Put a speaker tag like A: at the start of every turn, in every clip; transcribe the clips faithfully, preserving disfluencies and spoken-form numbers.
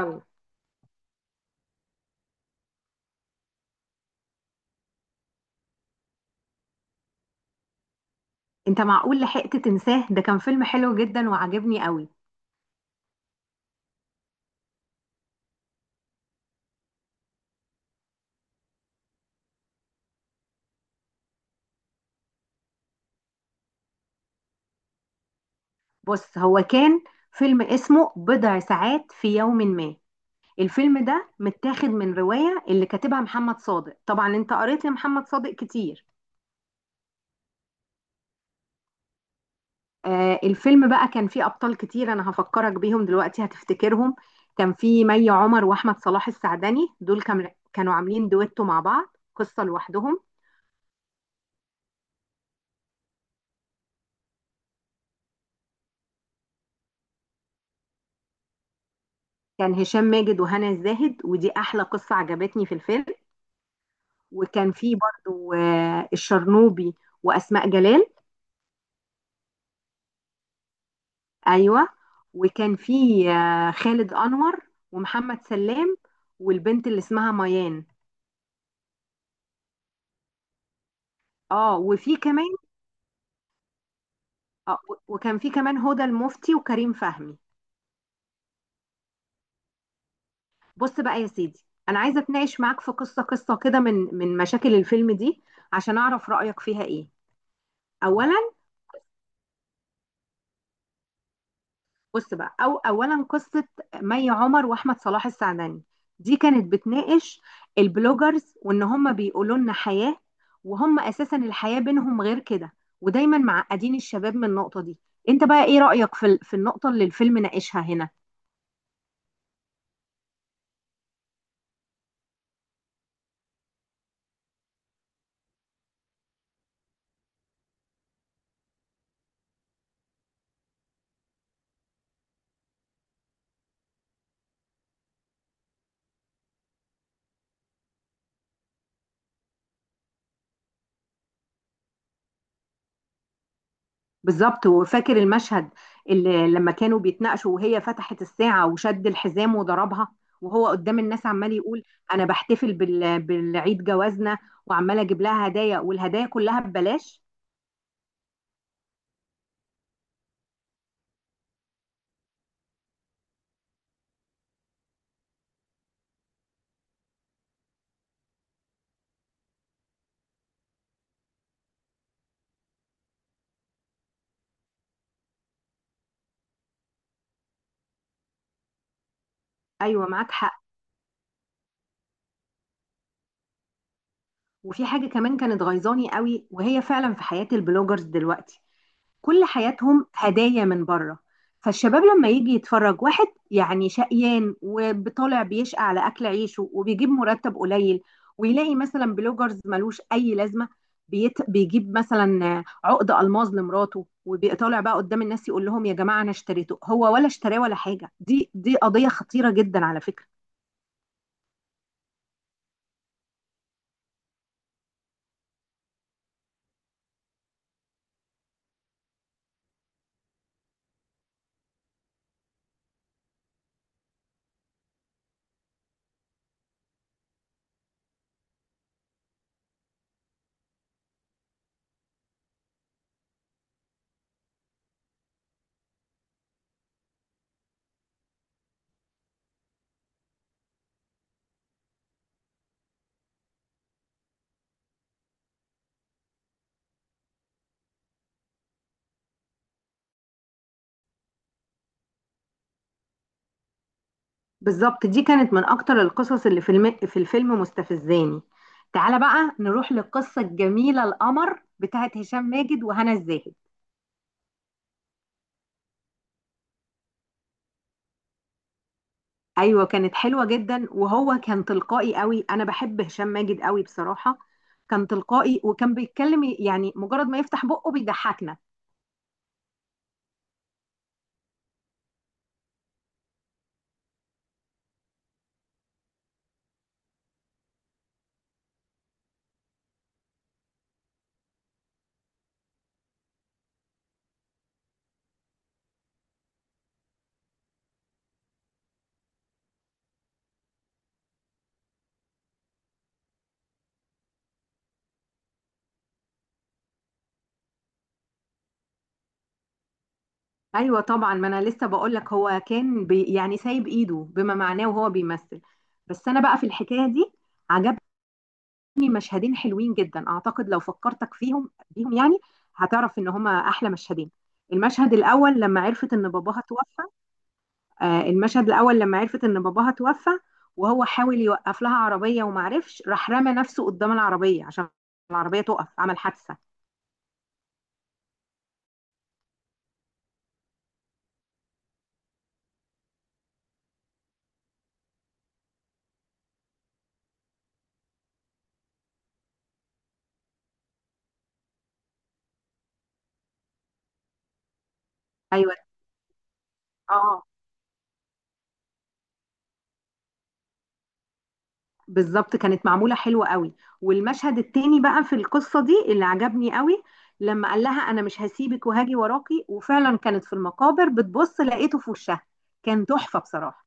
A: يلا. انت معقول لحقت تنساه؟ ده كان فيلم حلو جدا وعجبني قوي. بص، هو كان فيلم اسمه بضع ساعات في يوم ما. الفيلم ده متاخد من رواية اللي كاتبها محمد صادق، طبعا انت قريت لمحمد صادق كتير. آه، الفيلم بقى كان فيه أبطال كتير، انا هفكرك بيهم دلوقتي هتفتكرهم. كان فيه مي عمر واحمد صلاح السعدني، دول كان كانوا عاملين دويتو مع بعض قصة لوحدهم. كان هشام ماجد وهنا الزاهد، ودي احلى قصة عجبتني في الفيلم. وكان في برضو آه، الشرنوبي وأسماء جلال. أيوة. وكان في آه، خالد أنور ومحمد سلام والبنت اللي اسمها ميان. اه، وفي كمان. آه و- وكان في كمان هدى المفتي وكريم فهمي. بص بقى يا سيدي، أنا عايزة أتناقش معاك في قصة قصة كده من من مشاكل الفيلم دي عشان أعرف رأيك فيها إيه. أولا، بص بقى، أو أولا قصة مي عمر وأحمد صلاح السعدني، دي كانت بتناقش البلوجرز وإن هم بيقولوا لنا حياة، وهم أساسا الحياة بينهم غير كده، ودايما معقدين الشباب من النقطة دي. أنت بقى إيه رأيك في ال- في النقطة اللي الفيلم ناقشها هنا؟ بالظبط. وفاكر المشهد اللي لما كانوا بيتناقشوا وهي فتحت الساعة وشد الحزام وضربها، وهو قدام الناس عمال يقول أنا بحتفل بال- بالعيد جوازنا، وعمال أجيب لها هدايا والهدايا كلها ببلاش. ايوه، معاك حق. وفي حاجه كمان كانت غيظاني قوي، وهي فعلا في حياه البلوجرز دلوقتي كل حياتهم هدايا من بره. فالشباب لما يجي يتفرج واحد، يعني شقيان وطالع بيشقى على اكل عيشه وبيجيب مرتب قليل، ويلاقي مثلا بلوجرز ملوش اي لازمه، بيت... بيجيب مثلا عقد الماظ لمراته، وبيطالع بقى قدام الناس يقول لهم يا جماعه انا اشتريته، هو ولا اشتراه ولا حاجه. دي دي قضيه خطيره جدا على فكره. بالظبط، دي كانت من اكتر القصص اللي في الم... في الفيلم مستفزاني. تعالى بقى نروح للقصة الجميلة القمر بتاعت هشام ماجد وهنا الزاهد. ايوه، كانت حلوة جدا، وهو كان تلقائي قوي، انا بحب هشام ماجد قوي بصراحة. كان تلقائي وكان بيتكلم، يعني مجرد ما يفتح بقه بيضحكنا. ايوه طبعا، ما انا لسه بقول لك هو كان بي يعني سايب ايده بما معناه وهو بيمثل. بس انا بقى في الحكاية دي عجبني مشهدين حلوين جدا، اعتقد لو فكرتك فيهم بيهم يعني هتعرف ان هما احلى مشهدين. المشهد الاول لما عرفت ان باباها توفى. آه، المشهد الاول لما عرفت ان باباها توفى، وهو حاول يوقف لها عربيه وما عرفش، راح رمى نفسه قدام العربيه عشان العربيه تقف، عمل حادثه. ايوه. اه، بالظبط، كانت معمولة حلوة قوي. والمشهد التاني بقى في القصة دي اللي عجبني قوي لما قال لها أنا مش هسيبك وهاجي وراكي، وفعلا كانت في المقابر بتبص لقيته في وشها. كان تحفة بصراحة.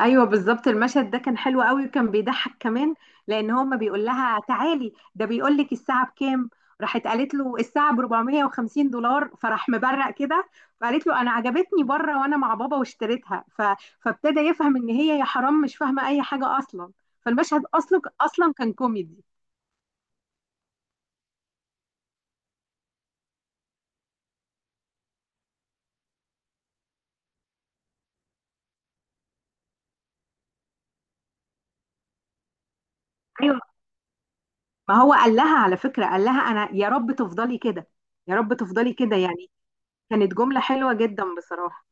A: ايوه بالظبط، المشهد ده كان حلو قوي وكان بيضحك كمان، لان هو ما بيقول لها تعالي، ده بيقول لك الساعه بكام. راحت قالت له الساعه ب أربعمائة وخمسين دولار، فراح مبرق كده. فقالت له انا عجبتني بره وانا مع بابا واشتريتها، ف... فابتدى يفهم ان هي يا حرام مش فاهمه اي حاجه اصلا. فالمشهد اصلا اصلا كان كوميدي. ايوه. ما هو قال لها على فكره، قال لها انا يا رب تفضلي كده، يا رب تفضلي كده، يعني كانت جمله حلوه جدا بصراحه.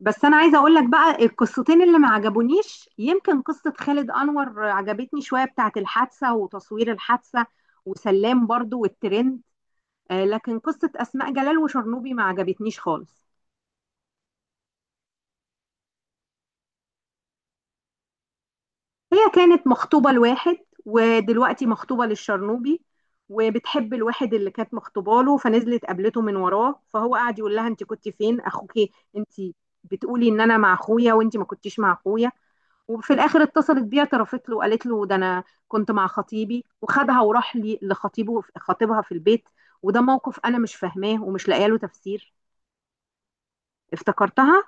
A: بس انا عايزه اقول لك بقى القصتين اللي ما عجبونيش. يمكن قصه خالد انور عجبتني شويه، بتاعت الحادثه وتصوير الحادثه، وسلام برضو والترند، آه، لكن قصه اسماء جلال وشرنوبي ما عجبتنيش خالص. هي كانت مخطوبه لواحد، ودلوقتي مخطوبه للشرنوبي، وبتحب الواحد اللي كانت مخطوبه له، فنزلت قابلته من وراه. فهو قاعد يقول لها انت كنت فين اخوكي؟ انت بتقولي ان انا مع اخويا وانت ما كنتيش مع اخويا. وفي الاخر اتصلت بيه اعترفت له وقالت له ده انا كنت مع خطيبي، وخدها وراح لي لخطيبه خطيبها في البيت. وده موقف انا مش فاهماه ومش لاقيه له تفسير. افتكرتها؟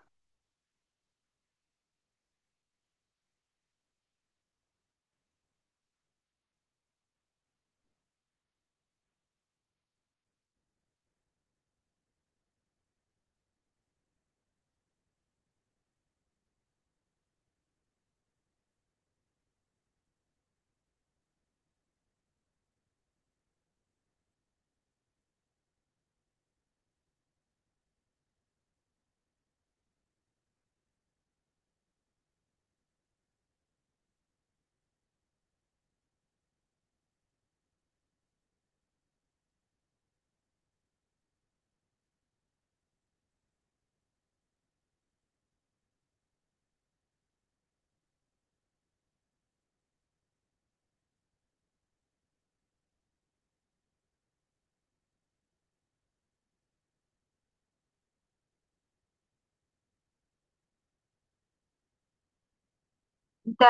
A: انت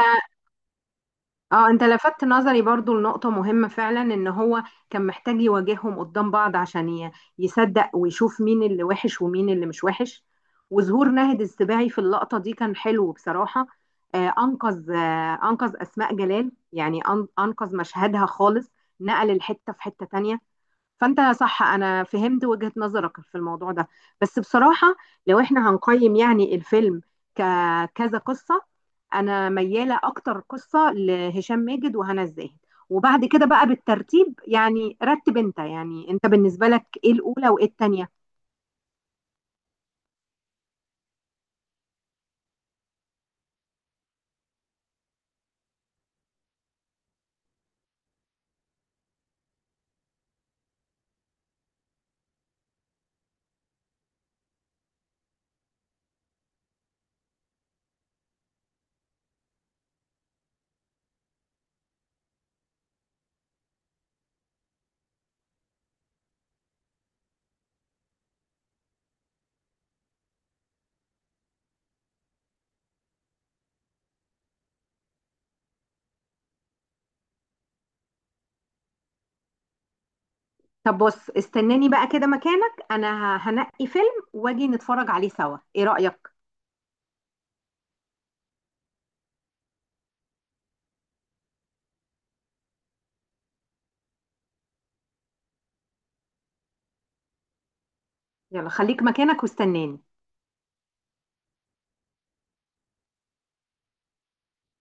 A: اه انت لفتت نظري برضو لنقطة مهمة فعلا، ان هو كان محتاج يواجههم قدام بعض عشان ي- يصدق ويشوف مين اللي وحش ومين اللي مش وحش. وظهور ناهد السباعي في اللقطة دي كان حلو بصراحة، آه انقذ آه انقذ اسماء جلال، يعني أن- انقذ مشهدها خالص، نقل الحتة في حتة تانية. فانت صح، انا فهمت وجهة نظرك في الموضوع ده. بس بصراحة، لو احنا هنقيم يعني الفيلم ككذا قصة، انا ميالة اكتر قصة لهشام ماجد وهنا الزاهد، وبعد كده بقى بالترتيب. يعني رتب انت يعني انت بالنسبة لك ايه الاولى وايه التانية. طب بص، استناني بقى كده مكانك، انا ه- هنقي فيلم واجي نتفرج عليه سوا، ايه رأيك؟ يلا خليك مكانك واستناني.